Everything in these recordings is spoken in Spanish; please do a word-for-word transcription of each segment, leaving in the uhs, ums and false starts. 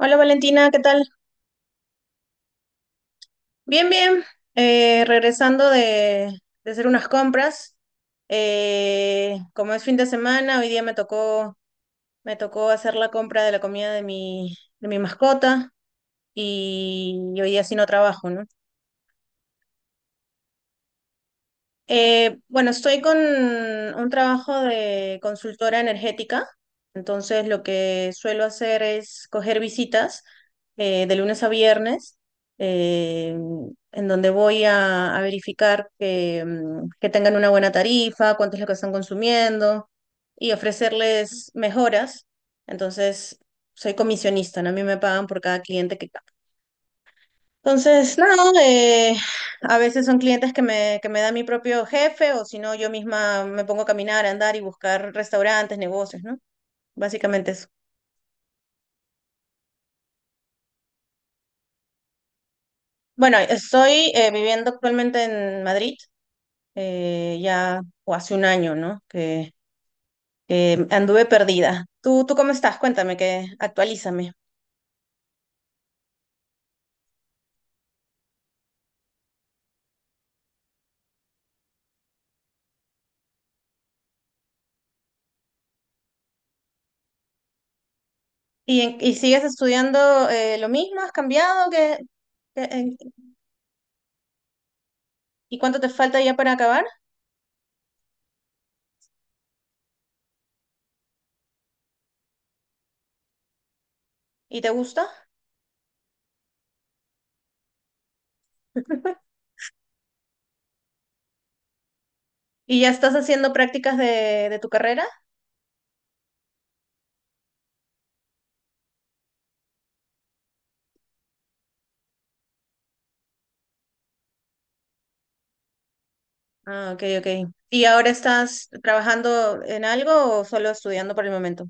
Hola Valentina, ¿qué tal? Bien, bien. Eh, regresando de, de hacer unas compras. Eh, como es fin de semana, hoy día me tocó, me tocó hacer la compra de la comida de mi, de mi mascota y, y hoy día sí no trabajo, ¿no? Eh, bueno, estoy con un trabajo de consultora energética, entonces lo que suelo hacer es coger visitas eh, de lunes a viernes, eh, en donde voy a, a verificar que, mm, que tengan una buena tarifa, cuánto es lo que están consumiendo y ofrecerles mejoras. Entonces, soy comisionista, ¿no? A mí me pagan por cada cliente que capto. Entonces, nada, eh, a veces son clientes que me, que me da mi propio jefe o si no, yo misma me pongo a caminar, a andar y buscar restaurantes, negocios, ¿no? Básicamente eso. Bueno, estoy eh, viviendo actualmente en Madrid, eh, ya o hace un año, ¿no? Que, que anduve perdida. ¿Tú, tú cómo estás? Cuéntame, que actualízame. ¿Y, en- y sigues estudiando eh, lo mismo? ¿Has cambiado? ¿Qué, qué- en- ¿y cuánto te falta ya para acabar? ¿Y te gusta? ¿Y ya estás haciendo prácticas de de tu carrera? Ah, ok, ok. ¿Y ahora estás trabajando en algo o solo estudiando por el momento?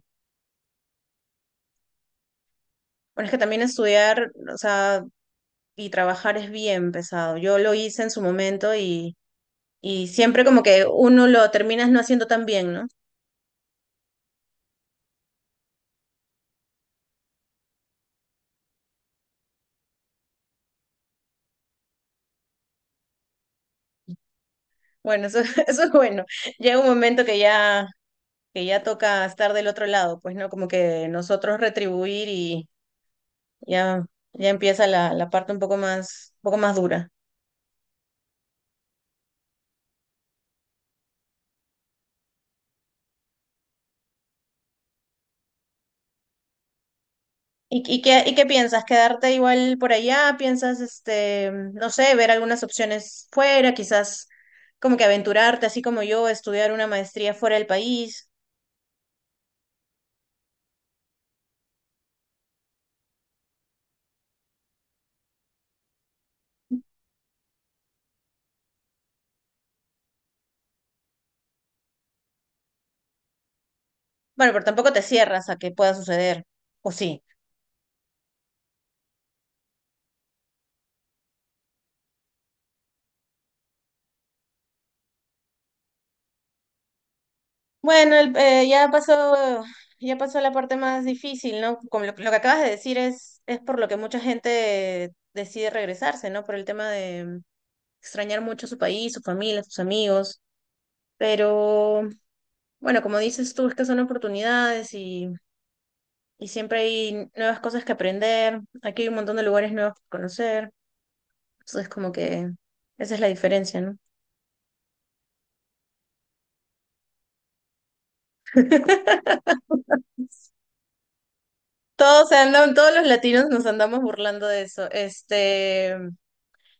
Bueno, es que también estudiar, o sea, y trabajar es bien pesado. Yo lo hice en su momento y, y siempre como que uno lo terminas no haciendo tan bien, ¿no? Bueno, eso, eso es bueno. Llega un momento que ya, que ya toca estar del otro lado, pues, ¿no? Como que nosotros retribuir y ya, ya empieza la, la parte un poco más, un poco más dura. ¿Y, y qué, y qué piensas? ¿Quedarte igual por allá? ¿Piensas, este, no sé, ver algunas opciones fuera? Quizás como que aventurarte, así como yo, estudiar una maestría fuera del país. Bueno, pero tampoco te cierras a que pueda suceder, ¿o sí? Bueno, el- eh, ya pasó, ya pasó la parte más difícil, ¿no? Como lo, lo que acabas de decir es, es por lo que mucha gente decide regresarse, ¿no? Por el tema de extrañar mucho su país, su familia, sus amigos. Pero bueno, como dices tú, es que son oportunidades y, y siempre hay nuevas cosas que aprender. Aquí hay un montón de lugares nuevos que conocer. Entonces, como que esa es la diferencia, ¿no? Todos se andan, todos los latinos nos andamos burlando de eso. Este,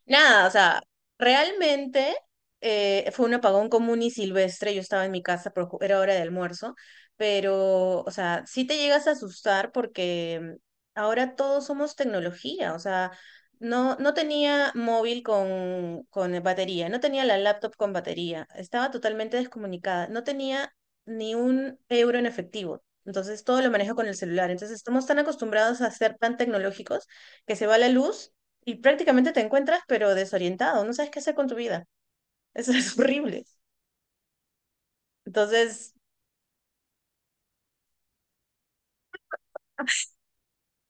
Nada, o sea, realmente eh, fue un apagón común y silvestre. Yo estaba en mi casa, pero ju- era hora de almuerzo. Pero, o sea, sí te llegas a asustar porque mm, ahora todos somos tecnología. O sea, no, no tenía móvil con, con batería, no tenía la laptop con batería, estaba totalmente descomunicada, no tenía ni un euro en efectivo. Entonces todo lo manejo con el celular. Entonces estamos tan acostumbrados a ser tan tecnológicos que se va la luz y prácticamente te encuentras pero desorientado, no sabes qué hacer con tu vida. Eso es horrible. Entonces,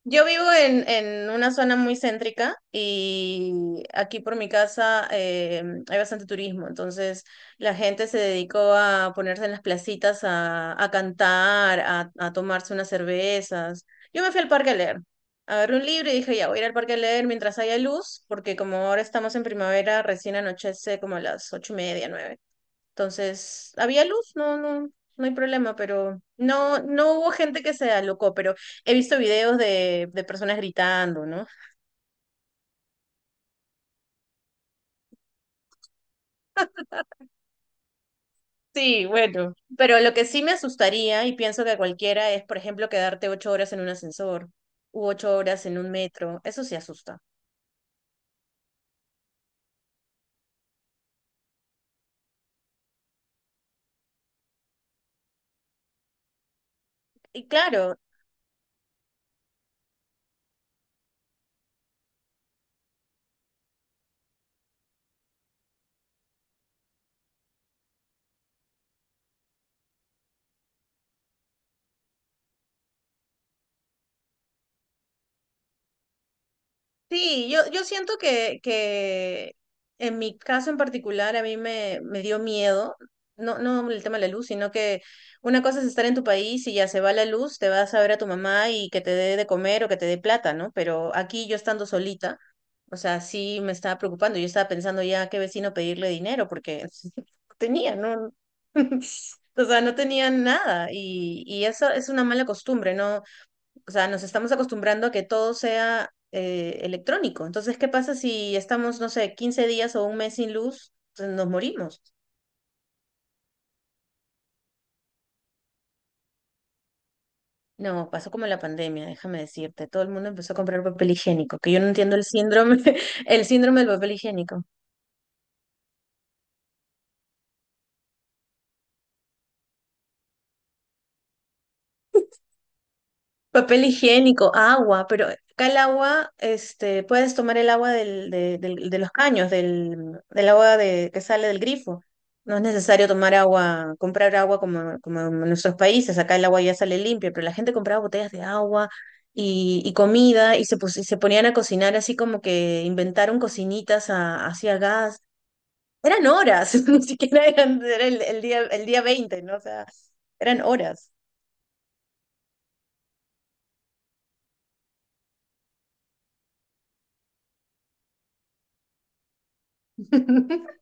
yo vivo en, en una zona muy céntrica y aquí por mi casa eh, hay bastante turismo, entonces la gente se dedicó a ponerse en las placitas a, a cantar, a, a tomarse unas cervezas. Yo me fui al parque a leer. Agarré un libro y dije, ya, voy a ir al parque a leer mientras haya luz, porque como ahora estamos en primavera, recién anochece como a las ocho y media, nueve. Entonces, había luz, no, no, no hay problema, pero no, no hubo gente que se alocó, pero he visto videos de, de personas gritando, ¿no? Sí, bueno. Pero lo que sí me asustaría, y pienso que a cualquiera, es, por ejemplo, quedarte ocho horas en un ascensor u ocho horas en un metro. Eso sí asusta. Y claro. Sí, yo, yo siento que, que en mi caso en particular a mí me, me dio miedo, no, no el tema de la luz, sino que una cosa es estar en tu país y ya se va la luz, te vas a ver a tu mamá y que te dé de comer o que te dé plata, ¿no? Pero aquí yo estando solita, o sea, sí me estaba preocupando, yo estaba pensando ya a qué vecino pedirle dinero porque no tenía, ¿no? O sea, no tenía nada y, y eso es una mala costumbre, ¿no? O sea, nos estamos acostumbrando a que todo sea eh, electrónico. Entonces, ¿qué pasa si estamos, no sé, quince días o un mes sin luz? Entonces, nos morimos. No, pasó como en la pandemia, déjame decirte. Todo el mundo empezó a comprar papel higiénico, que yo no entiendo el síndrome, el síndrome del papel higiénico. Papel higiénico, agua, pero acá el agua, este, puedes tomar el agua del, de, del- de los caños, del, del agua de, que sale del grifo. No es necesario tomar agua, comprar agua como, como en nuestros países. Acá el agua ya sale limpia, pero la gente compraba botellas de agua y, y comida y se, pus- y se ponían a cocinar así como que inventaron cocinitas a, hacia gas. Eran horas, ni siquiera eran, era el, el día, el día veinte, ¿no? O sea, eran horas.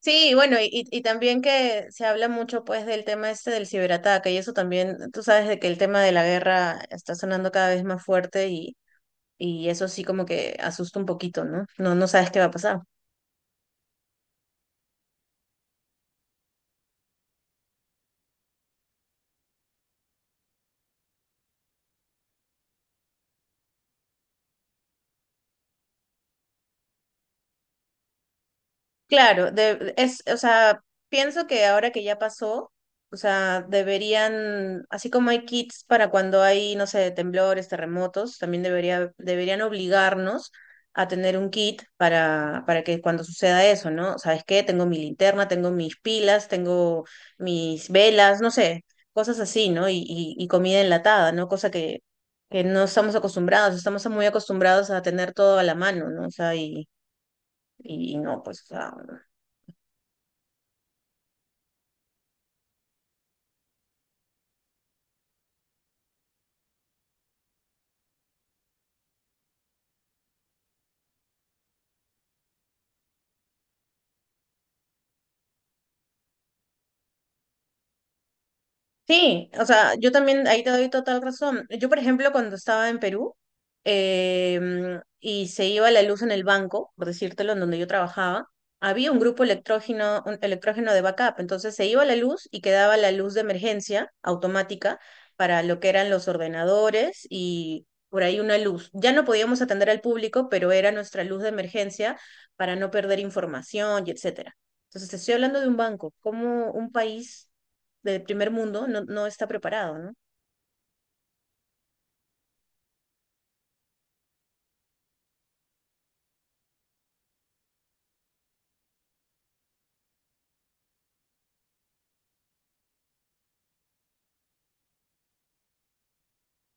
Sí, bueno, y, y y también que se habla mucho pues del tema este del ciberataque y eso también, tú sabes de que el tema de la guerra está sonando cada vez más fuerte y, y eso sí como que asusta un poquito, ¿no? No, no sabes qué va a pasar. Claro, de- es, o sea, pienso que ahora que ya pasó, o sea, deberían, así como hay kits para cuando hay, no sé, temblores, terremotos, también debería, deberían obligarnos a tener un kit para, para que cuando suceda eso, ¿no? ¿Sabes qué? Tengo mi linterna, tengo mis pilas, tengo mis velas, no sé, cosas así, ¿no? Y, y, y comida enlatada, ¿no? Cosa que, que no estamos acostumbrados, estamos muy acostumbrados a tener todo a la mano, ¿no? O sea, y... Y no, pues, o sea, sí, o sea, yo también ahí te doy total razón. Yo, por ejemplo, cuando estaba en Perú em, y se iba la luz en el banco, por decírtelo, en donde yo trabajaba, había un grupo electrógeno, un electrógeno de backup. Entonces se iba la luz y quedaba la luz de emergencia automática para lo que eran los ordenadores y por ahí una luz. Ya no podíamos atender al público, pero era nuestra luz de emergencia para no perder información y etcétera. Entonces, te estoy hablando de un banco, como un país del primer mundo no, no está preparado, ¿no?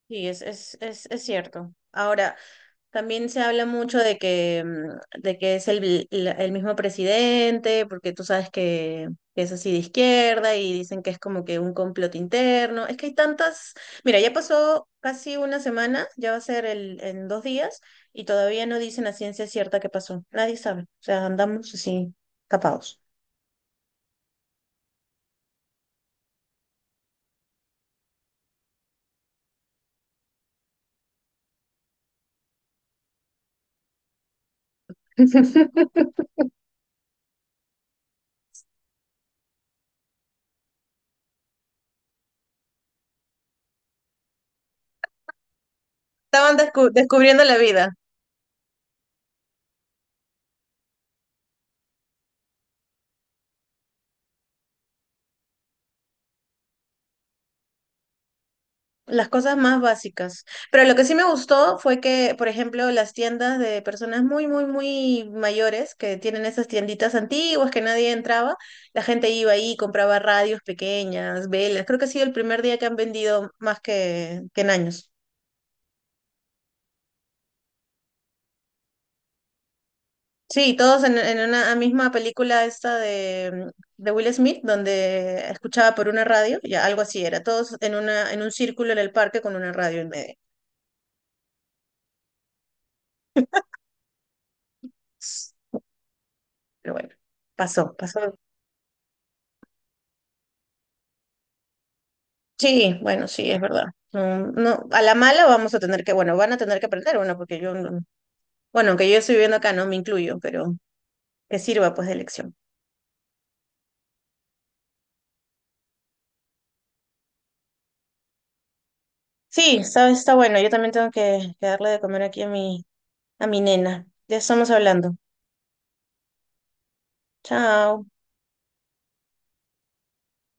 Sí, es, es, es, es cierto. Ahora, también se habla mucho de que, mm, de que es el, la- el mismo presidente, porque tú sabes que, que es así de izquierda y dicen que es como que un complot interno. Es que hay tantas... Mira, ya pasó casi una semana, ya va a ser el, en dos días, y todavía no dicen a ciencia cierta qué pasó. Nadie sabe. O sea, andamos así, tapados. Estaban descu- descubriendo la vida. Las cosas más básicas. Pero lo que sí me gustó fue que, por ejemplo, las tiendas de personas muy, muy, muy mayores que tienen esas tienditas antiguas que nadie entraba, la gente iba ahí, y compraba radios pequeñas, velas. Creo que ha sido el primer día que han vendido más que, que en años. Sí, todos en, en una misma película esta de, de Will Smith, donde escuchaba por una radio, ya algo así era, todos en una, en un círculo en el parque con una radio en medio. Pero bueno, pasó, pasó. Sí, bueno, sí, es verdad. No, no, a la mala vamos a tener que, bueno, van a tener que aprender, bueno, porque yo, no- bueno, aunque yo estoy viviendo acá, no me incluyo, pero que sirva pues de lección. Sí, sabes, está bueno, yo también tengo que, que darle de comer aquí a mi, a mi nena. Ya estamos hablando. Chao.